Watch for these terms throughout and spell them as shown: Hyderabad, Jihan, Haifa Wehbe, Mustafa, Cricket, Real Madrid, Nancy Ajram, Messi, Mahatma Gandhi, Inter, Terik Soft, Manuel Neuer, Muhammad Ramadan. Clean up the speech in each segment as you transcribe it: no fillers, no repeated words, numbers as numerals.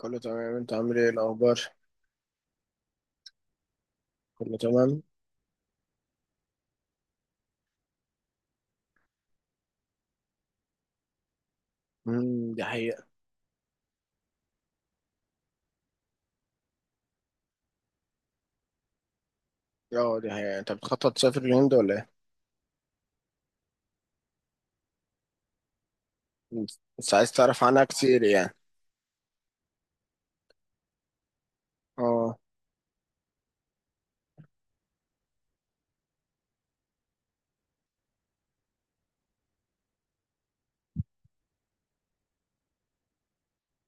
كله تمام، انت عامل ايه الاخبار؟ كله تمام. دي حقيقة. اه، دي حقيقة. انت بتخطط تسافر الهند ولا ايه؟ بس عايز تعرف عنها كتير، يعني. اه،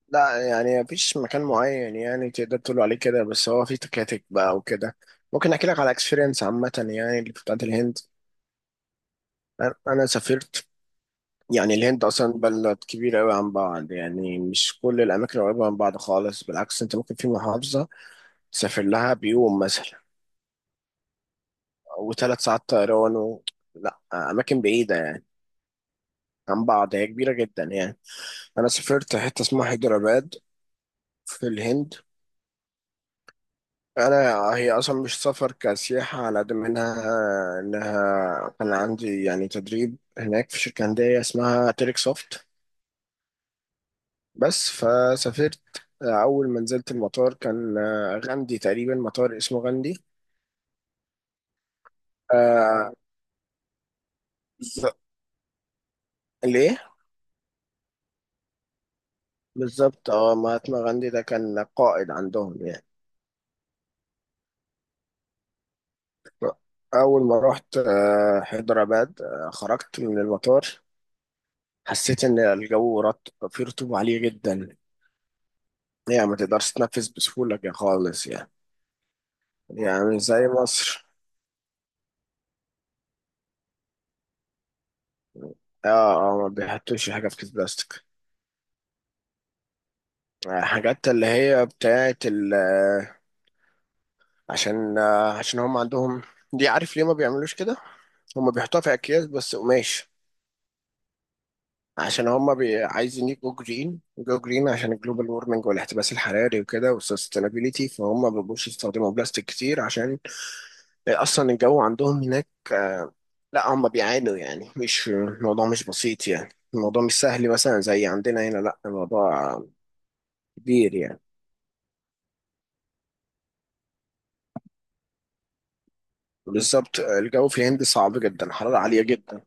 لا، يعني مفيش مكان معين يعني تقدر تقول عليه كده، بس هو في تكاتك بقى وكده. ممكن احكي لك على اكسبيرينس عامة يعني اللي بتاعت الهند. انا سافرت. يعني الهند اصلا بلد كبيرة قوي عن بعض، يعني مش كل الاماكن قريبة من بعض خالص، بالعكس انت ممكن في محافظة تسافر لها بيوم مثلا و3 ساعات طيران لا، أماكن بعيدة يعني عن بعض، هي كبيرة جدا يعني. أنا سافرت حتة اسمها حيدراباد في الهند. أنا هي أصلا مش سفر كسياحة على قد ما إنها كان عندي يعني تدريب هناك في شركة هندية اسمها تيريك سوفت. بس فسافرت. أول ما نزلت المطار كان غاندي تقريبا، مطار اسمه غاندي. آه، بالظبط، ليه؟ بالظبط، مهاتما غاندي ده كان قائد عندهم يعني. أول ما رحت حيدرباد، خرجت من المطار، حسيت إن الجو فيه رطوبة عالية جدا. يعني ما تقدرش تتنفس بسهولة كده خالص يعني، يعني زي مصر. اه، اه، ما بيحطوش حاجة في كيس بلاستيك. حاجات اللي هي بتاعة ال آه، عشان هم عندهم دي، عارف ليه ما بيعملوش كده؟ هم بيحطوها في أكياس بس قماش، عشان هم عايزين يجوا جرين، جو جرين، عشان الجلوبال وورمنج والاحتباس الحراري وكده والسستينابيلتي، فهم ما بيبقوش يستخدموا بلاستيك كتير، عشان اصلا الجو عندهم هناك، لا، هم بيعانوا يعني، مش الموضوع مش بسيط يعني. الموضوع مش سهل مثلا زي عندنا هنا، لا الموضوع كبير يعني. بالظبط، الجو في الهند صعب جدا، حرارة عالية جدا.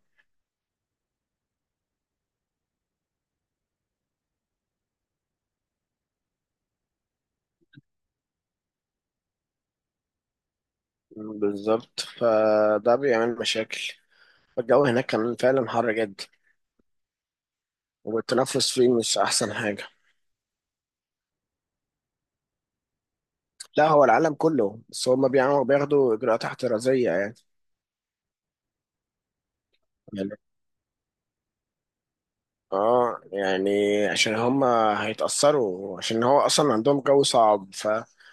بالظبط، فده بيعمل مشاكل. الجو هناك كان فعلا حر جدا، والتنفس فيه مش أحسن حاجة. لا، هو العالم كله، بس هم بياخدوا اجراءات احترازيه يعني. يعني اه يعني عشان هم هيتاثروا، عشان هو اصلا عندهم جو صعب، فمع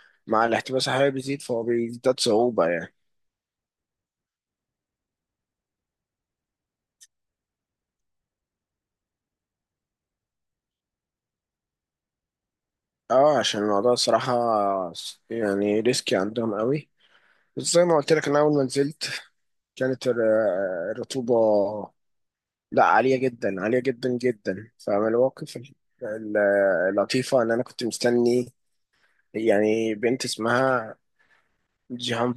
الاحتباس الحراري بيزيد، فهو بيزداد صعوبه يعني. اه، عشان الموضوع الصراحه يعني ريسكي عندهم قوي. بس زي ما قلت لك، انا اول ما نزلت كانت الرطوبه لا عاليه جدا، عاليه جدا جدا. فمن المواقف ال- اللطيفه ان انا كنت مستني يعني بنت اسمها جيهان.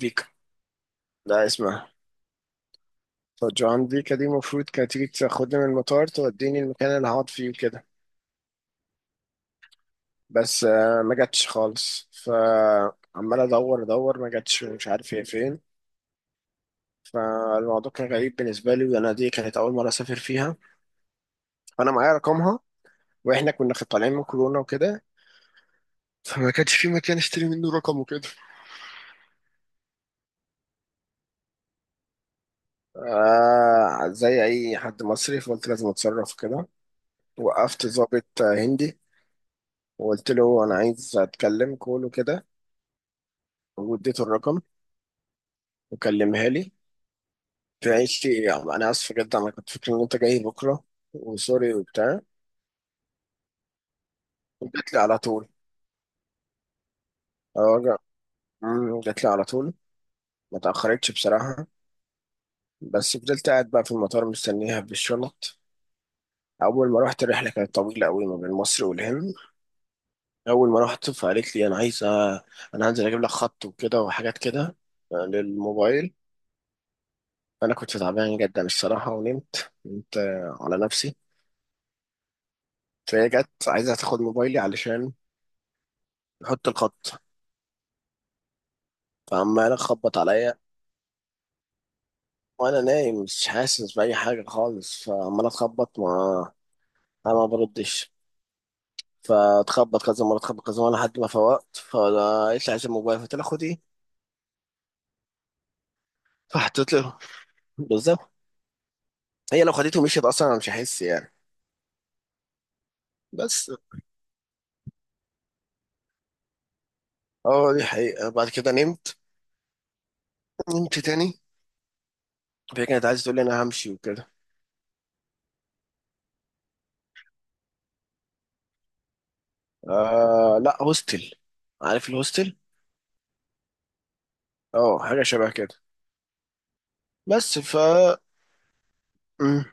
لا اسمع. فالجران دي دي المفروض كانت تيجي تاخدني من المطار، توديني المكان اللي هقعد فيه وكده. بس ما جاتش خالص، فعمال ادور ادور، ما جاتش، مش عارف هي فين. فالموضوع كان غريب بالنسبه لي، وانا دي كانت اول مره اسافر فيها. فانا معايا رقمها، واحنا كنا طالعين من كورونا وكده، فما كانش في مكان اشتري منه رقم وكده. آه، زي اي حد مصري فقلت لازم اتصرف كده. وقفت ضابط هندي، وقلت له انا عايز اتكلم كول وكده، واديته الرقم وكلمها لي. قالت لي يعني انا اسف جدا، انا كنت فاكر ان انت جاي بكره، وسوري وبتاع. جات لي على طول. اه، جات لي على طول، ما تاخرتش بصراحه. بس فضلت قاعد بقى في المطار مستنيها بالشنط. اول ما رحت الرحله كانت طويله قوي ما بين مصر والهند. اول ما رحت فقالت لي انا عايزه، انا هنزل اجيب لك خط وكده وحاجات كده، للموبايل. انا كنت تعبان جدا الصراحه ونمت نمت على نفسي. فهي جت عايزه تاخد موبايلي علشان احط الخط. فعمال اخبط عليا وانا نايم، مش حاسس باي حاجه خالص، فعمال اتخبط، ما انا ما بردش. فاتخبط كذا مره، اتخبط كذا مره، لحد ما فوقت، فلقيت لي عايز الموبايل، فقلت لها خديه فحطيت له. بالظبط، هي لو خدته ومشيت اصلا انا مش هحس يعني. بس اه، دي حقيقه، بعد كده نمت، نمت تاني. فهي كانت عايزه تقول لي انا همشي وكده. آه لا، هوستل. عارف الهوستل؟ اه، حاجه شبه كده. بس، ف أمم،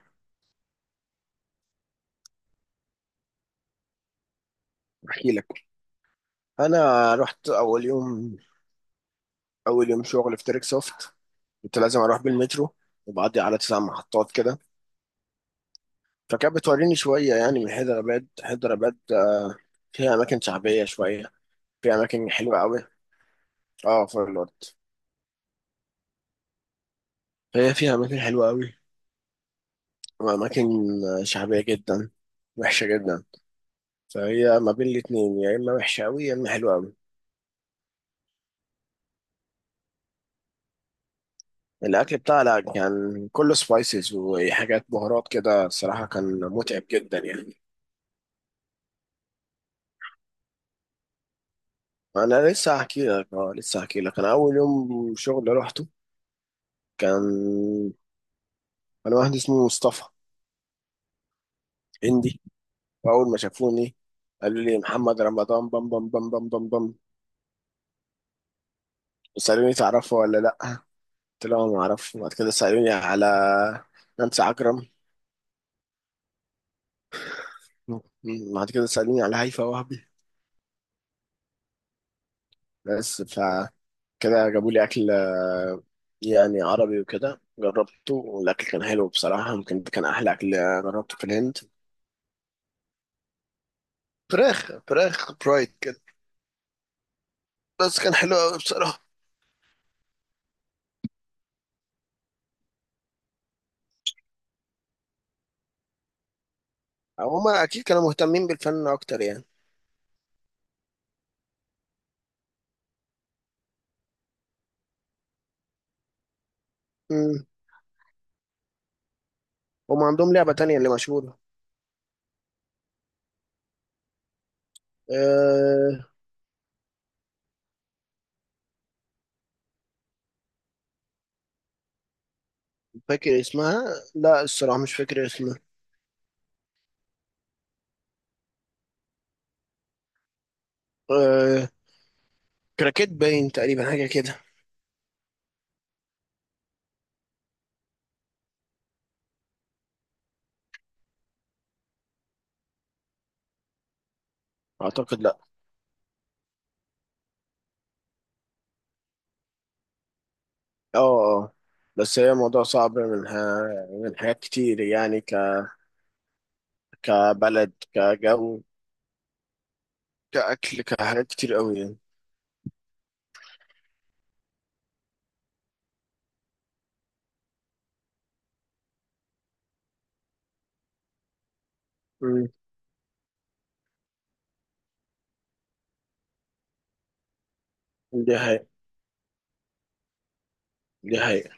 احكي لك. انا رحت اول يوم، اول يوم شغل في تريك سوفت. كنت لازم اروح بالمترو وبعدي على 9 محطات كده. فكانت بتوريني شويه يعني من حيدرآباد، فيها اماكن شعبيه شويه، فيها اماكن حلوه قوي. اه، فوق الارض. فهي فيها اماكن حلوه قوي، واماكن شعبيه جدا، وحشه جدا. فهي ما بين الاتنين، يا اما وحشه قوي يا اما حلوه قوي. الاكل بتاعها لا، كان كله سبايسز وحاجات بهارات كده، الصراحه كان متعب جدا يعني. انا لسه هحكي لك، انا اول يوم شغل رحته، كان انا واحد اسمه مصطفى، هندي، واول ما شافوني قالوا لي محمد رمضان، بام بام بام بام بام بام. وسالوني تعرفه ولا لا. قلت لهم ما اعرفه. وبعد كده سالوني على نانسي عجرم. بعد كده سالوني على هيفاء وهبي. بس فكده جابوا لي اكل، يعني عربي وكده، جربته والاكل كان حلو بصراحه، يمكن ده كان احلى اكل جربته في الهند. فراخ فراخ برايد كده. بس كان حلو قوي بصراحه. هما اكيد كانوا مهتمين بالفن اكتر يعني. هم عندهم لعبة تانية اللي مشهورة. أه فاكر اسمها. لا، الصراحة مش فاكر اسمها. أه كراكيت باين تقريبا، حاجة كده. أعتقد لا. اه، اه، بس هي موضوع صعب، من حاجات كتير يعني، كبلد، كجو، كأكل، كحاجات كتير قوي يعني. مم. دي حقيقة. دي حقيقة.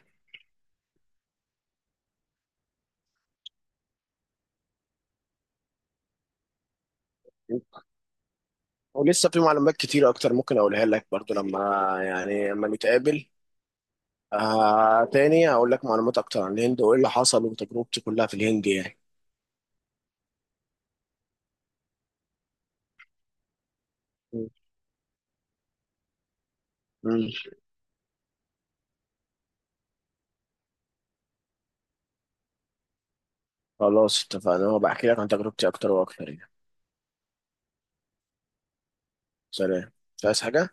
ولسه في معلومات كتير أكتر ممكن أقولها لك برضو لما، يعني لما نتقابل. تاني هقول لك معلومات اكتر عن الهند وايه اللي حصل وتجربتي كلها في الهند يعني. مم. مم. خلاص اتفقنا، وبحكي لك عن تجربتي اكتر واكتر يعني. سلام. مش عايز حاجة.